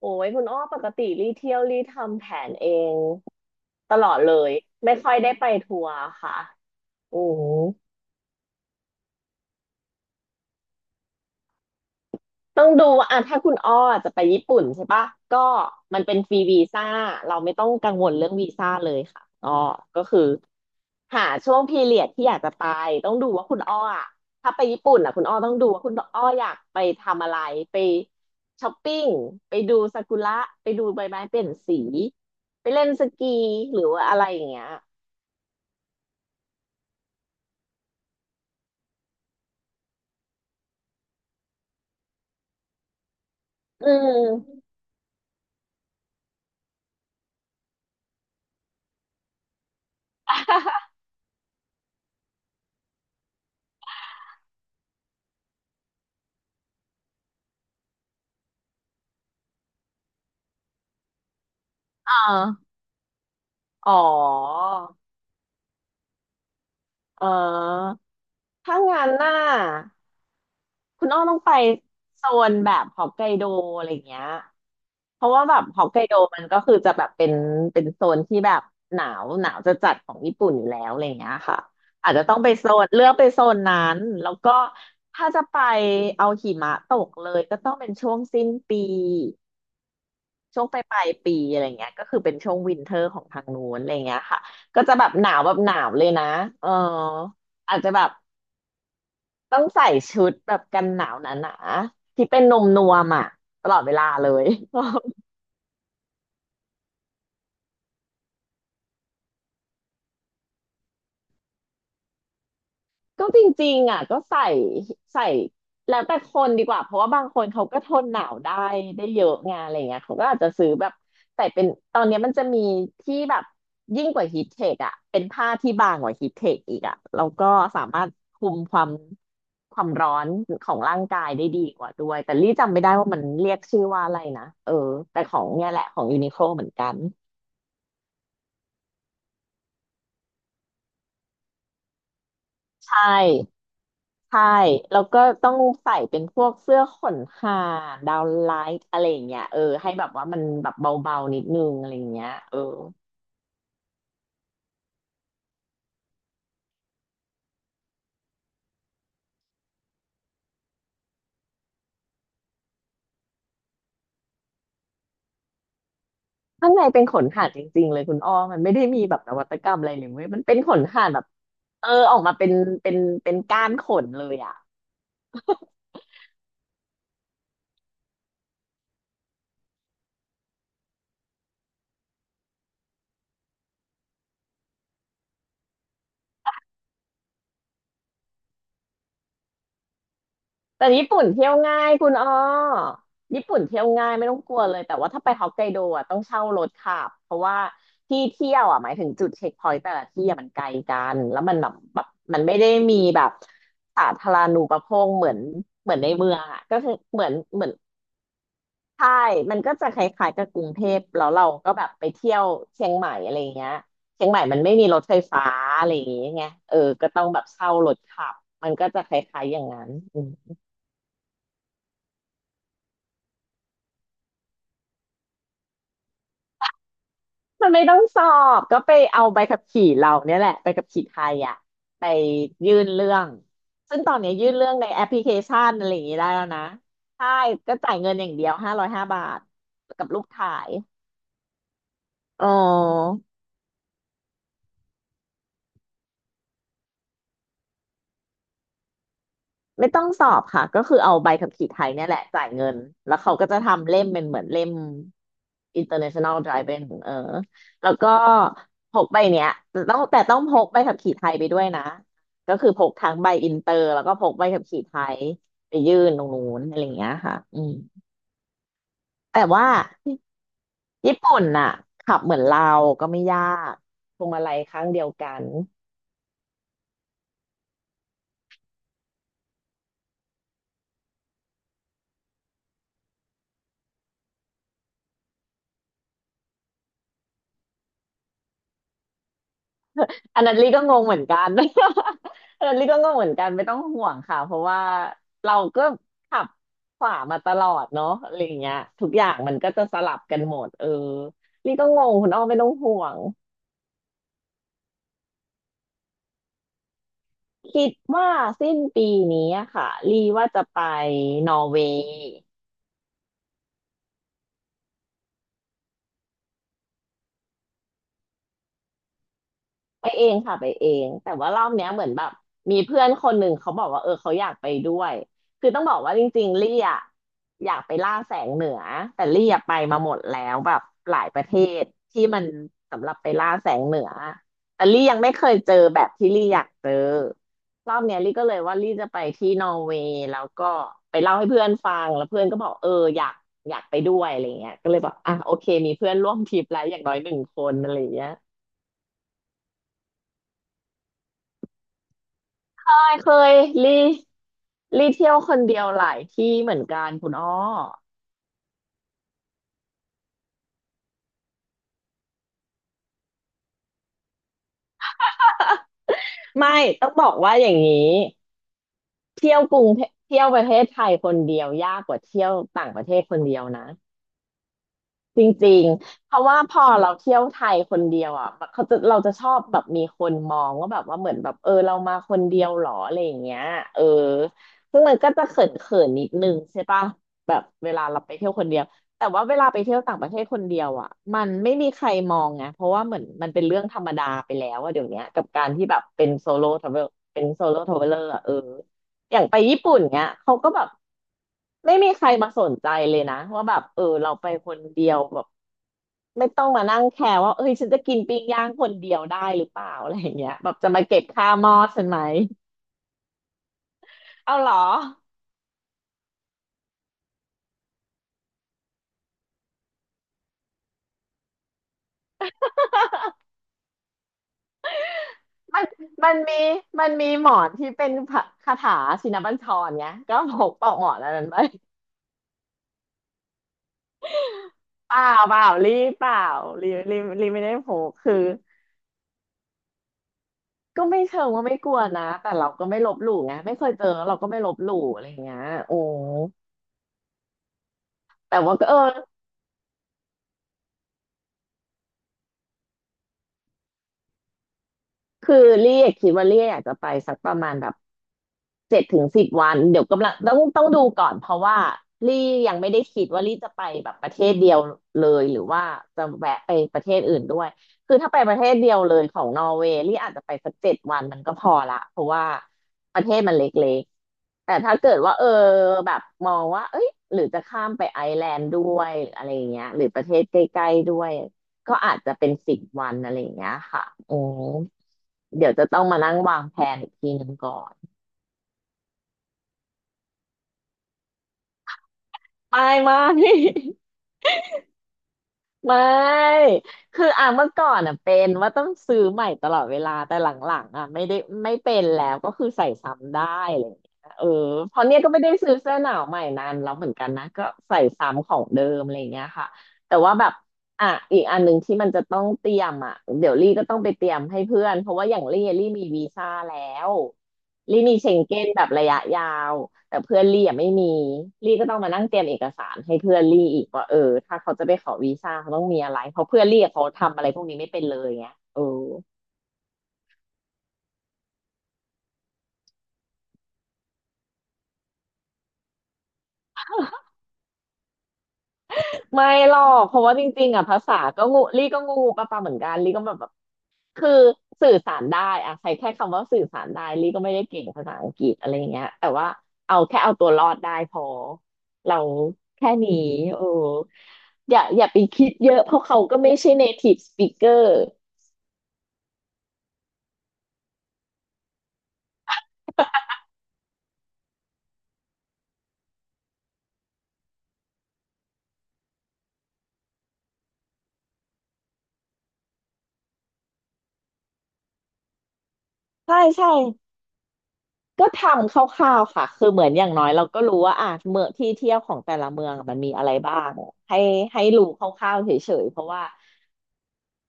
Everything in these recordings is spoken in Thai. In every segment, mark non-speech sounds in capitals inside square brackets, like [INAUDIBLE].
โอ้ยคุณอ้อปกติรีเที่ยวรีทำแผนเองตลอดเลยไม่ค่อยได้ไปทัวร์ค่ะอืมต้องดูว่าอ่ะถ้าคุณอ้อจะไปญี่ปุ่นใช่ปะก็มันเป็นฟรีวีซ่าเราไม่ต้องกังวลเรื่องวีซ่าเลยค่ะอ้อก็คือหาช่วงพีเรียดที่อยากจะไปต้องดูว่าคุณอ้ออะถ้าไปญี่ปุ่นอ่ะคุณอ้อต้องดูว่าคุณอ้ออยากไปทำอะไรไปช้อปปิ้งไปดูซากุระไปดูใบไม้เปลี่ยนสีไปเล่นสกีหรือว่าอะไรอย่างเงี้ย อืมอ่าอ๋อเออถ้างั้นหน่ะคุณอ้อต้องไปโซนแบบฮอกไกโดอะไรอย่างเงี้ยเพราะว่าแบบฮอกไกโดมันก็คือจะแบบเป็นโซนที่แบบหนาวหนาวจะจัดของญี่ปุ่นอยู่แล้วอะไรอย่างเงี้ยค่ะอาจจะต้องไปโซนเลือกไปโซนนั้น แล้วก็ถ้าจะไปเอาหิมะตกเลยก็ต้องเป็นช่วงสิ้นปี ช่วงปลายปีอะไรเงี้ยก็คือเป็นช่วงวินเทอร์ของทางนู้นอะไรเงี้ยค่ะก็จะแบบหนาวแบบหนาวเลยนะเอออาจจะแบบต้องใส่ชุดแบบกันหนาวหนาๆที่เป็นนมนวมอ่ะตลอดเวลาเลย ก็จริงๆอ่ะก็ใส่ใส่แล้วแต่คนดีกว่าเพราะว่าบางคนเขาก็ทนหนาวได้เยอะไงานอะไรเงี้ยเขาก็อาจจะซื้อแบบใส่เป็นตอนเนี้ยมันจะมีที่แบบยิ่งกว่าฮีทเทคอ่ะเป็นผ้าที่บางกว่าฮีทเทคอีกอ่ะแล้วก็สามารถคุมความร้อนของร่างกายได้ดีกว่าด้วยแต่ลี่จำไม่ได้ว่ามันเรียกชื่อว่าอะไรนะเออแต่ของเนี่ยแหละของยูนิโคลเหมือนกันใช่ ใช่แล้วก็ต้องใส่เป็นพวกเสื้อขนห่านดาวนไลท์อะไรอย่างเงี้ยเออให้แบบว่ามันแบบเบาๆนิดนึงอะไรอย่างเงี้ยเออข้างในเป็นขนห่านจริงๆเลยคุณอ้อมันไม่ได้มีแบบนวัตกรรมอะไรเลยเว้ยมันเป็นขนห่านแบบเออออกมาเป็นเป็นก้านขนเลยอ่ะ แต่ญี่ปุ่นเที่ยวง่ายคุณอ้อญี่ปุ่นเที่ยวง่ายไม่ต้องกลัวเลยแต่ว่าถ้าไปฮอกไกโดอ่ะต้องเช่ารถขับเพราะว่าที่เที่ยวอ่ะหมายถึงจุดเช็คพอยต์แต่ละที่อ่ะมันไกลกันแล้วมันแบบมันไม่ได้มีแบบสาธารณูปโภคเหมือนในเมืองอ่ะก็คือเหมือนใช่มันก็จะคล้ายๆกับกรุงเทพแล้วเราก็แบบไปเที่ยวเชียงใหม่อะไรอย่างเงี้ยเชียงใหม่มันไม่มีรถไฟฟ้าอะไรอย่างเงี้ยไงเออก็ต้องแบบเช่ารถขับมันก็จะคล้ายๆอย่างนั้น มันไม่ต้องสอบก็ไปเอาใบขับขี่เราเนี่ยแหละไปขับขี่ไทยอ่ะไปยื่นเรื่องซึ่งตอนนี้ยื่นเรื่องในแอปพลิเคชันอะไรอย่างนี้ได้แล้วนะใช่ก็จ่ายเงินอย่างเดียว505 บาทกับรูปถ่ายอ๋อ ไม่ต้องสอบค่ะก็คือเอาใบขับขี่ไทยเนี่ยแหละจ่ายเงินแล้วเขาก็จะทำเล่มเป็นเหมือนเล่ม International Driving เออแล้วก็พกใบเนี้ยแต่ต้องพกใบขับขี่ไทยไปด้วยนะก็คือพกทั้งใบอินเตอร์แล้วก็พกใบขับขี่ไทยไปยื่นตรงนู้นอะไรอย่างเงี้ยค่ะอืมแต่ว่าญี่ปุ่นน่ะขับเหมือนเราก็ไม่ยากพวงมาลัยข้างเดียวกัน อันนั้นลี่ก็งงเหมือนกัน [LAUGHS] อันนั้นลี่ก็งงเหมือนกันไม่ต้องห่วงค่ะเพราะว่าเราก็ขับขวามาตลอดเนาะอะไรอย่างเงี้ยทุกอย่างมันก็จะสลับกันหมดเออลี่ก็งงคุณอ้อไม่ต้องห่วงคิดว่าสิ้นปีนี้อะค่ะลี่ว่าจะไปนอร์เวย์ ไปเองค่ะไปเองแต่ว่ารอบเนี้ยเหมือนแบบมีเพื่อนคนหนึ่งเขาบอกว่าเออเขาอยากไปด้วยคือต้องบอกว่าจริงๆลี่อะอยากไปล่าแสงเหนือแต่ลี่อะไปมาหมดแล้วแบบหลายประเทศที่มันสำหรับไปล่าแสงเหนือแต่ลี่ยังไม่เคยเจอแบบที่ลี่อยากเจอรอบเนี้ยลี่ก็เลยว่าลี่จะไปที่นอร์เวย์แล้วก็ไปเล่าให้เพื่อนฟังแล้วเพื่อนก็บอกเอออยากอยากไปด้วยอะไรเงี้ยก็เลยบอกอ่ะโอเคมีเพื่อนร่วมทริปแล้วอย่างน้อยหนึ่งคนอะไรเงี้ย ไม่เคยรีรีเที่ยวคนเดียวหลายที่เหมือนกันคุณอ้อไม่ต้องบอกว่าอย่างนี้เที่ยวกรุงเทเที่ยวประเทศไทยคนเดียวยากกว่าเที่ยวต่างประเทศคนเดียวนะ จริงๆเพราะว่าพอเราเที่ยวไทยคนเดียวอ่ะแบบเราจะชอบแบบมีคนมองว่าแบบว่าเหมือนแบบเออเรามาคนเดียวหรออะไรอย่างเงี้ยเออซึ่งมันก็จะเขินๆนนิดนึงใช่ปะแบบเวลาเราไปเที่ยวคนเดียวแต่ว่าเวลาไปเที่ยวต่างประเทศคนเดียวอ่ะมันไม่มีใครมองไงเพราะว่าเหมือนมันเป็นเรื่องธรรมดาไปแล้วอะเดี๋ยวเนี้ยกับการที่แบบเป็นโซโล่ทราเวลเป็นโซโล่ทราเวลเลอร์อะเออ อย่างไปญี่ปุ่นเนี้ยเขาก็แบบไม่มีใครมาสนใจเลยนะว่าแบบเออเราไปคนเดียวแบบไม่ต้องมานั่งแคร์ว่าเอ้ยฉันจะกินปิ้งย่างคนเดียวได้หรือเปล่าอะไรอย่างเงี้ยแบบจะมาเก็บค่าหม้อฉันไหมเอาเหรอมันมันมันมีหมอนที่เป็นพระคาถาชินบัญชรไงก็พกปอกหมอนอันนั้นไปเปล่าเปล่ารีเปล่ารีรีรีไม่ได้พกคือก็ไม่เชิงว่าไม่กลัวนะแต่เราก็ไม่ลบหลู่ไงไม่เคยเจอเราก็ไม่ลบหลู่อะไรอย่างเงี้ยโอ้ แต่ว่าก็เออ คือเรียกคิดว่าเรียกอยากจะไปสักประมาณแบบเจ็ดถึงสิบวันเดี๋ยวกำลังต้องดูก่อนเพราะว่าลี่ยังไม่ได้คิดว่าลี่จะไปแบบประเทศเดียวเลยหรือว่าจะแวะไปประเทศอื่นด้วยคือถ้าไปประเทศเดียวเลยของนอร์เวย์ลี่อาจจะไปสักเจ็ดวันมันก็พอละเพราะว่าประเทศมันเล็กๆแต่ถ้าเกิดว่าเออแบบมองว่าเอ้ยหรือจะข้ามไปไอร์แลนด์ด้วยหรืออะไรอย่างเงี้ยหรือประเทศใกล้ๆด้วยก็อาจจะเป็นสิบวันอะไรอย่างเงี้ยค่ะโอ เดี๋ยวจะต้องมานั่งวางแผนอีกทีหนึ่งก่อนไม่ไม่ [LAUGHS] ไม่คืออ่ะเมื่อก่อนอ่ะเป็นว่าต้องซื้อใหม่ตลอดเวลาแต่หลังๆอ่ะไม่เป็นแล้วก็คือใส่ซ้ำได้อะไรอย่างเงี้ยเออเพราะเนี้ยก็ไม่ได้ซื้อเสื้อหนาวใหม่นานแล้วเหมือนกันนะก็ใส่ซ้ำของเดิมอะไรอย่างเงี้ยค่ะแต่ว่าแบบอ่ะอีกอันหนึ่งที่มันจะต้องเตรียมอ่ะเดี๋ยวลี่ก็ต้องไปเตรียมให้เพื่อนเพราะว่าอย่างลี่มีวีซ่าแล้ว ลี่มีเชงเก้นแบบระยะยาวแต่เพื่อนลี่อ่ะไม่มีลี่ก็ต้องมานั่งเตรียมเอกสารให้เพื่อนลี่อีกว่าเออถ้าเขาจะไปขอวีซ่าเขาต้องมีอะไรเพราะเพื่อนลี่อะเขาทำอะไรพวกนี้ไม่เป็นเลยไงเออไม่หรอกเพราะว่าจริงๆอ่ะภาษาก็งูลี่ก็งูปะเหมือนกันลี่ก็แบบ คือสื่อสารได้อะใช้แค่คำว่าสื่อสารได้ลี่ก็ไม่ได้เก่งภาษาอังกฤษอะไรอย่างเงี้ยแต่ว่าเอาตัวรอดได้พอเราแค่นี้โอ้อย่าไปคิดเยอะเพราะเขาก็ไม่ใช่ native speaker ใช่ใช่ก็ทำคร่าวๆค่ะคือเหมือนอย่างน้อยเราก็รู้ว่าอ่ะเมืองที่เที่ยวของแต่ละเมืองมันมีอะไรบ้างให้ให้รู้คร่าวๆเฉยๆเพราะว่า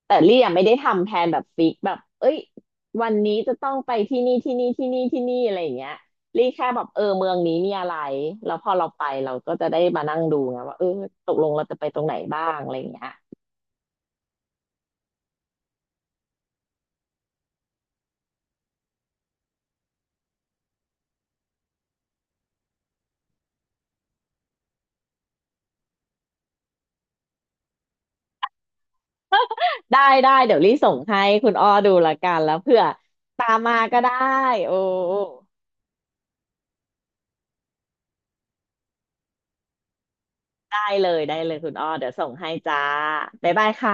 แต่ลี่ยังไม่ได้ทำแพลนแบบฟิกแบบเอ้ยวันนี้จะต้องไปที่นี่ที่นี่ที่นี่อะไรอย่างเงี้ยลี่แค่แบบเออเมืองนี้มีอะไรแล้วพอเราไปเราก็จะได้มานั่งดูไงว่าเออตกลงเราจะไปตรงไหนบ้างอะไรอย่างเงี้ยได้เดี๋ยวลี่ส่งให้คุณอ้อดูละกันแล้วเผื่อตามมาก็ได้โอ้ได้เลยคุณอ้อเดี๋ยวส่งให้จ้าบ๊ายบายค่ะ